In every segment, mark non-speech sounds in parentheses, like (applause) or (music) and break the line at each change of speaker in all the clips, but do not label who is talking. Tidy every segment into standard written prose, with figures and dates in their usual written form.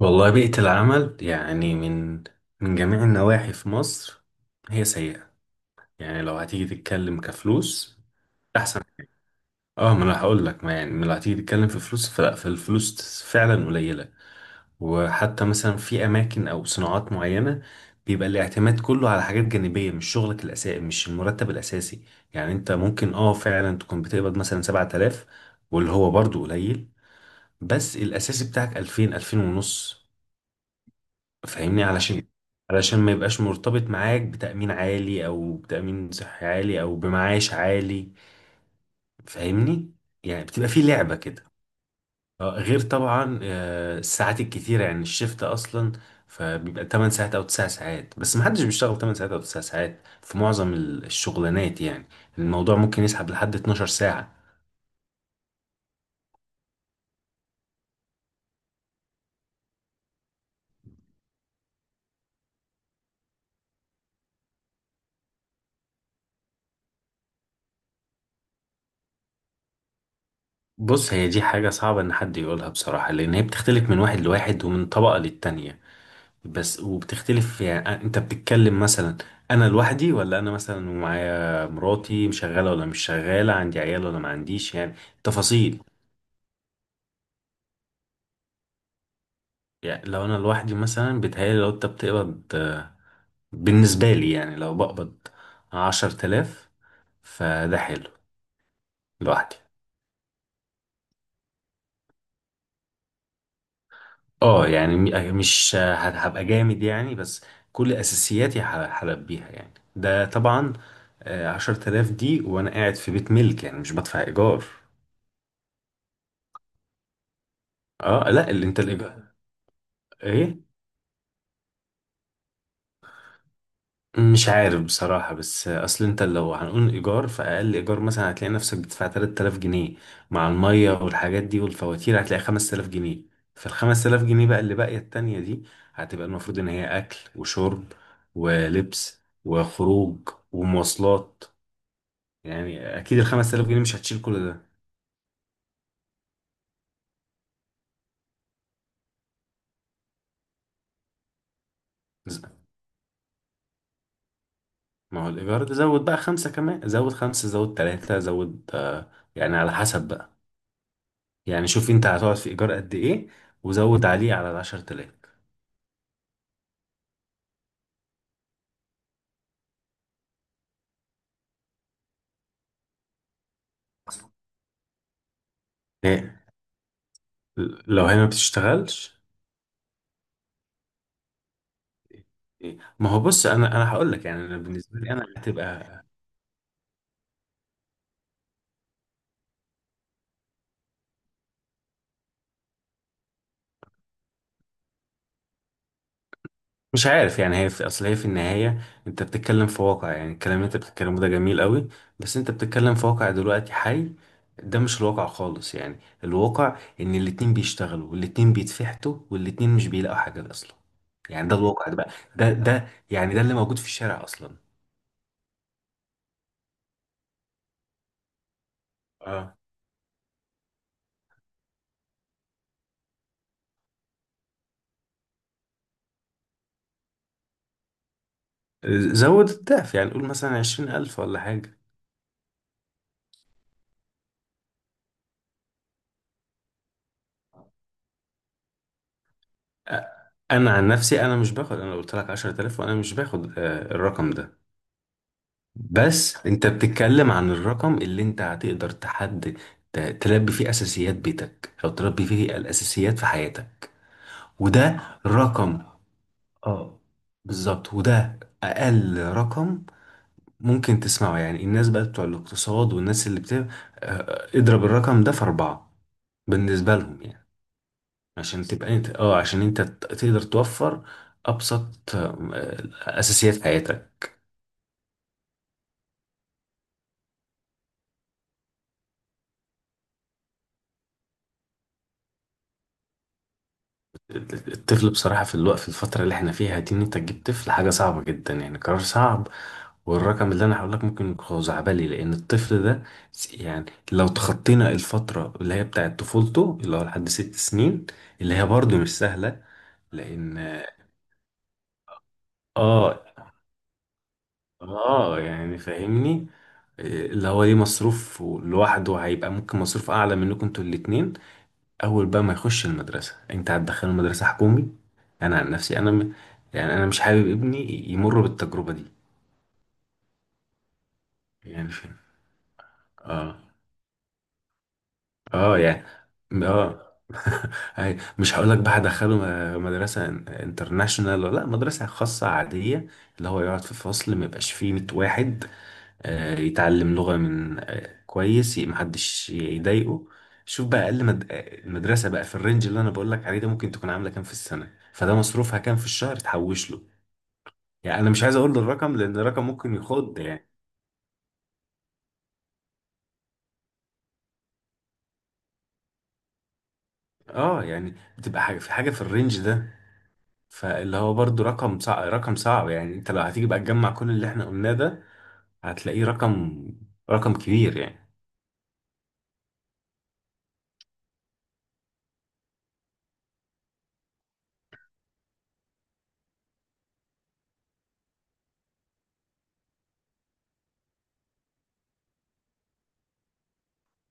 والله بيئة العمل يعني من جميع النواحي في مصر هي سيئة. يعني لو هتيجي تتكلم كفلوس أحسن. اه ما انا هقول لك ما يعني ما لو هتيجي تتكلم في فلوس فالفلوس فعلا قليلة. وحتى مثلا في أماكن أو صناعات معينة، بيبقى الاعتماد كله على حاجات جانبية، مش شغلك الأساسي، مش المرتب الأساسي. يعني أنت ممكن فعلا تكون بتقبض مثلا 7000، واللي هو برضه قليل، بس الأساسي بتاعك 2000، 2000 ونص. فاهمني؟ علشان ما يبقاش مرتبط معاك بتأمين عالي، او بتأمين صحي عالي، او بمعاش عالي. فاهمني؟ يعني بتبقى في لعبة كده. غير طبعا الساعات الكتيرة، يعني الشفت اصلا فبيبقى 8 ساعات او 9 ساعات، بس ما حدش بيشتغل 8 ساعات او 9 ساعات في معظم الشغلانات، يعني الموضوع ممكن يسحب لحد 12 ساعة. بص، هي دي حاجة صعبة ان حد يقولها بصراحة، لان هي بتختلف من واحد لواحد، ومن طبقة للتانية. بس وبتختلف يعني، انت بتتكلم مثلا انا لوحدي، ولا انا مثلا ومعايا مراتي مشغله، ولا مش شغاله، عندي عيال ولا ما عنديش؟ يعني تفاصيل. يعني لو انا لوحدي مثلا بيتهيألي، لو انت بتقبض بالنسبه لي يعني، لو بقبض 10 تلاف فده حلو. لوحدي. اه يعني، مش هبقى جامد يعني، بس كل اساسياتي هلبيها يعني، ده طبعا. عشر تلاف دي وانا قاعد في بيت ملك، يعني مش بدفع ايجار. اه لا، اللي انت، الايجار، ايه، مش عارف بصراحة. بس اصل انت لو هنقول ايجار، فاقل ايجار مثلا هتلاقي نفسك بتدفع 3000 جنيه. مع المية والحاجات دي والفواتير هتلاقي 5000 جنيه. فال 5000 جنيه بقى اللي باقية التانية دي، هتبقى المفروض ان هي اكل وشرب، ولبس، وخروج، ومواصلات. يعني اكيد ال 5000 جنيه مش هتشيل كل ده. ز- ما هو الايجار ده زود بقى خمسة، كمان زود خمسة، زود تلاتة، زود يعني على حسب بقى. يعني شوف انت هتقعد في ايجار قد ايه وزود عليه على ال10 تلاف. إيه؟ لو هي ما بتشتغلش. إيه؟ ما هو بص، انا هقول لك، يعني انا بالنسبه لي انا هتبقى، مش عارف يعني. هي في اصل، هي في النهايه انت بتتكلم في واقع، يعني الكلام اللي انت بتتكلمه ده جميل قوي، بس انت بتتكلم في واقع دلوقتي حي. ده مش الواقع خالص يعني. الواقع ان الاتنين بيشتغلوا، والاتنين بيتفحتوا، والاتنين مش بيلاقوا حاجه اصلا. يعني ده الواقع، ده بقى ده يعني، ده اللي موجود في الشارع اصلا. اه، زود الضعف يعني، قول مثلا 20 ألف ولا حاجة. أ- أنا عن نفسي أنا مش باخد. أنا قلت لك 10 آلاف، وأنا مش باخد الرقم ده. بس أنت بتتكلم عن الرقم اللي أنت هتقدر تحد، تلبي فيه أساسيات بيتك، أو تلبي فيه الأساسيات في حياتك. وده رقم. اه، بالظبط، وده أقل رقم ممكن تسمعه. يعني الناس بقى بتوع الاقتصاد، والناس اللي بت آه، اضرب الرقم ده في 4، بالنسبة لهم يعني. عشان تبقى انت، عشان انت تقدر توفر ابسط اساسيات حياتك. الطفل بصراحه، في الفتره اللي احنا فيها دي، ان انت تجيب طفل حاجه صعبه جدا، يعني قرار صعب. والرقم اللي انا هقول لك ممكن يكون خزعبلي، لان الطفل ده، يعني لو تخطينا الفتره اللي هي بتاعه طفولته، اللي هو لحد 6 سنين، اللي هي برضه مش سهله، لان اه اه يعني فاهمني. اللي هو ليه مصروف لوحده، هيبقى ممكن مصروف اعلى منكم انتوا الاتنين. اول بقى ما يخش المدرسه، انت هتدخله مدرسه حكومي. انا عن نفسي، يعني انا مش حابب ابني يمر بالتجربه دي، يعني فاهم. اه. اه يعني. اه. (laughs) مش هقول لك بقى هدخله مدرسه انترناشونال ولا لا، مدرسه خاصه عاديه، اللي هو يقعد في فصل ما يبقاش فيه 100 واحد، يتعلم لغة من كويس، محدش يضايقه. شوف بقى أقل مد... آه، المدرسة بقى في الرينج اللي أنا بقولك عليه ده، ممكن تكون عاملة كام في السنة، فده مصروفها كام في الشهر تحوش له. يعني أنا مش عايز أقول الرقم، لأن الرقم ممكن يخض يعني. اه يعني، بتبقى حاجة في الرينج ده. فاللي هو برضو رقم صعب، رقم صعب يعني. انت لو هتيجي بقى تجمع كل اللي احنا قلناه ده، هتلاقيه رقم كبير يعني.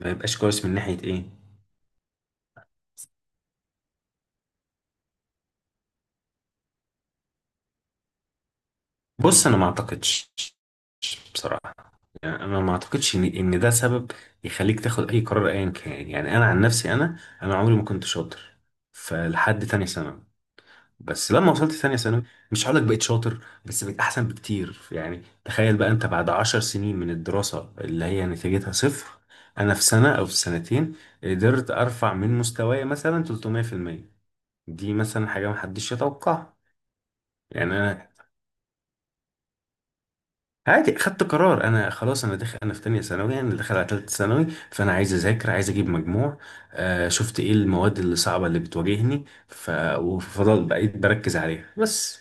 ما يبقاش كويس من ناحية ايه؟ بص، انا ما اعتقدش بصراحة. انا ما اعتقدش ان ده سبب يخليك تاخد اي قرار ايا كان. يعني انا عن نفسي، انا عمري ما كنت شاطر، فلحد تانية ثانوي. بس لما وصلت تانية ثانوي، مش هقولك بقيت شاطر، بس بقيت احسن بكتير. يعني تخيل بقى، انت بعد 10 سنين من الدراسة اللي هي نتيجتها صفر، انا في سنة او في سنتين قدرت ارفع من مستواي مثلا 300%. دي مثلا حاجة محدش يتوقعها. يعني انا عادي خدت قرار. انا خلاص انا داخل، انا في تانية ثانوي، انا داخل على تالتة ثانوي. فانا عايز اذاكر، عايز اجيب مجموع. آه شفت ايه المواد اللي صعبة، اللي بتواجهني وفضل بقيت بركز عليها بس.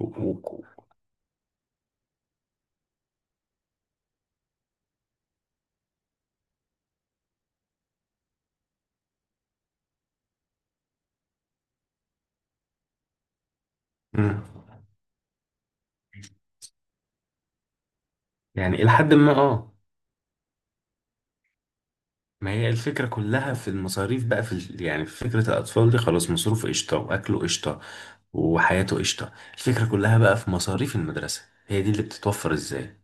و... و... مم. يعني الى حد ما، اه. ما هي الفكرة كلها في المصاريف بقى، يعني في فكرة الاطفال دي، خلاص مصروفه قشطة، واكله قشطة، وحياته قشطة. الفكرة كلها بقى في مصاريف المدرسة. هي دي اللي بتتوفر ازاي.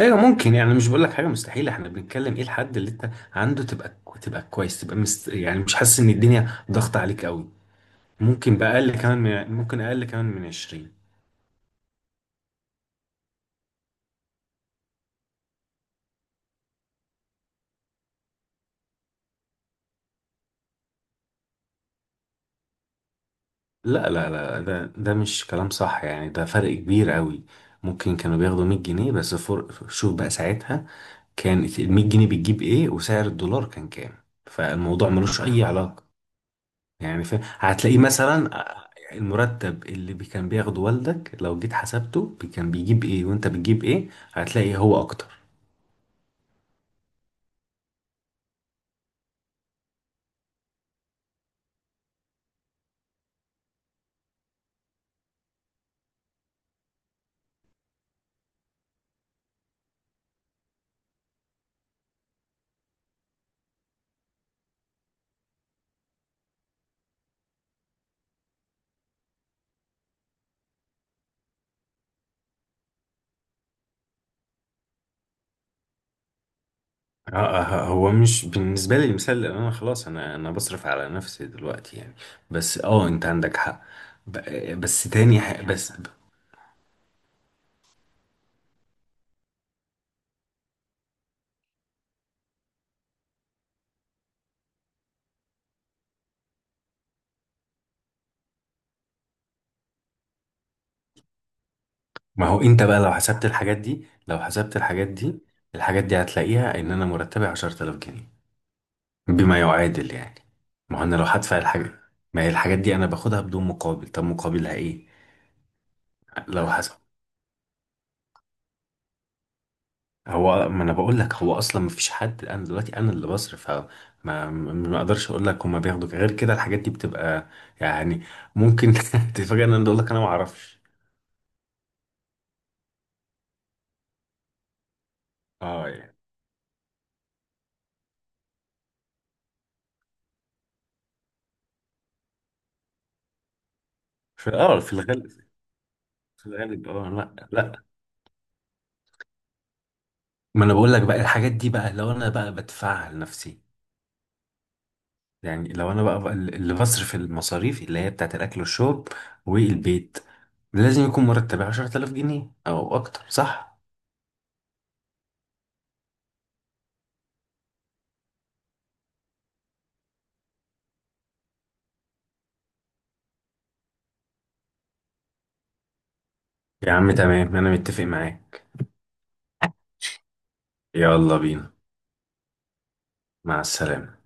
ايوه، ممكن يعني. مش بقول لك حاجه مستحيله. احنا بنتكلم ايه الحد اللي انت عنده تبقى كويس، تبقى يعني مش حاسس ان الدنيا ضغط عليك قوي. ممكن بأقل كمان ممكن اقل كمان من 20. لا لا لا، ده مش كلام صح. يعني ده فرق كبير قوي. ممكن كانوا بياخدوا 100 جنيه بس. شوف بقى ساعتها كان ال 100 جنيه بتجيب ايه، وسعر الدولار كان كام؟ فالموضوع ملوش اي علاقه يعني. هتلاقيه مثلا المرتب اللي كان بياخده والدك، لو جيت حسبته كان بيجيب ايه وانت بتجيب ايه، هتلاقي هو اكتر. هو مش بالنسبة لي المثال، لأن أنا خلاص، أنا أنا بصرف على نفسي دلوقتي يعني. بس أنت عندك حق. بس تاني، بس، ما هو أنت بقى لو حسبت الحاجات دي الحاجات دي هتلاقيها إن أنا مرتبي 10000 جنيه، بما يعادل يعني. ما هو أنا لو هدفع الحاجة، ما هي الحاجات دي أنا باخدها بدون مقابل، طب مقابلها إيه؟ لو حسب، هو ما انا بقول لك هو اصلا ما فيش حد. انا دلوقتي انا اللي بصرف، فما ما اقدرش اقول لك هما بياخدوا غير كده. الحاجات دي بتبقى يعني، ممكن (laughs) تتفاجئ ان انا اقول لك انا ما اعرفش. اه يعني، في الغالب. في الغالب، اه، لا لا. ما انا بقول لك بقى الحاجات دي، بقى لو انا بقى بدفعها لنفسي، يعني لو انا بقى اللي بصرف المصاريف اللي هي بتاعت الاكل والشرب والبيت، لازم يكون مرتبي 10000 جنيه او اكتر، صح؟ يا عم تمام، انا متفق معاك. يلا بينا. مع السلامة.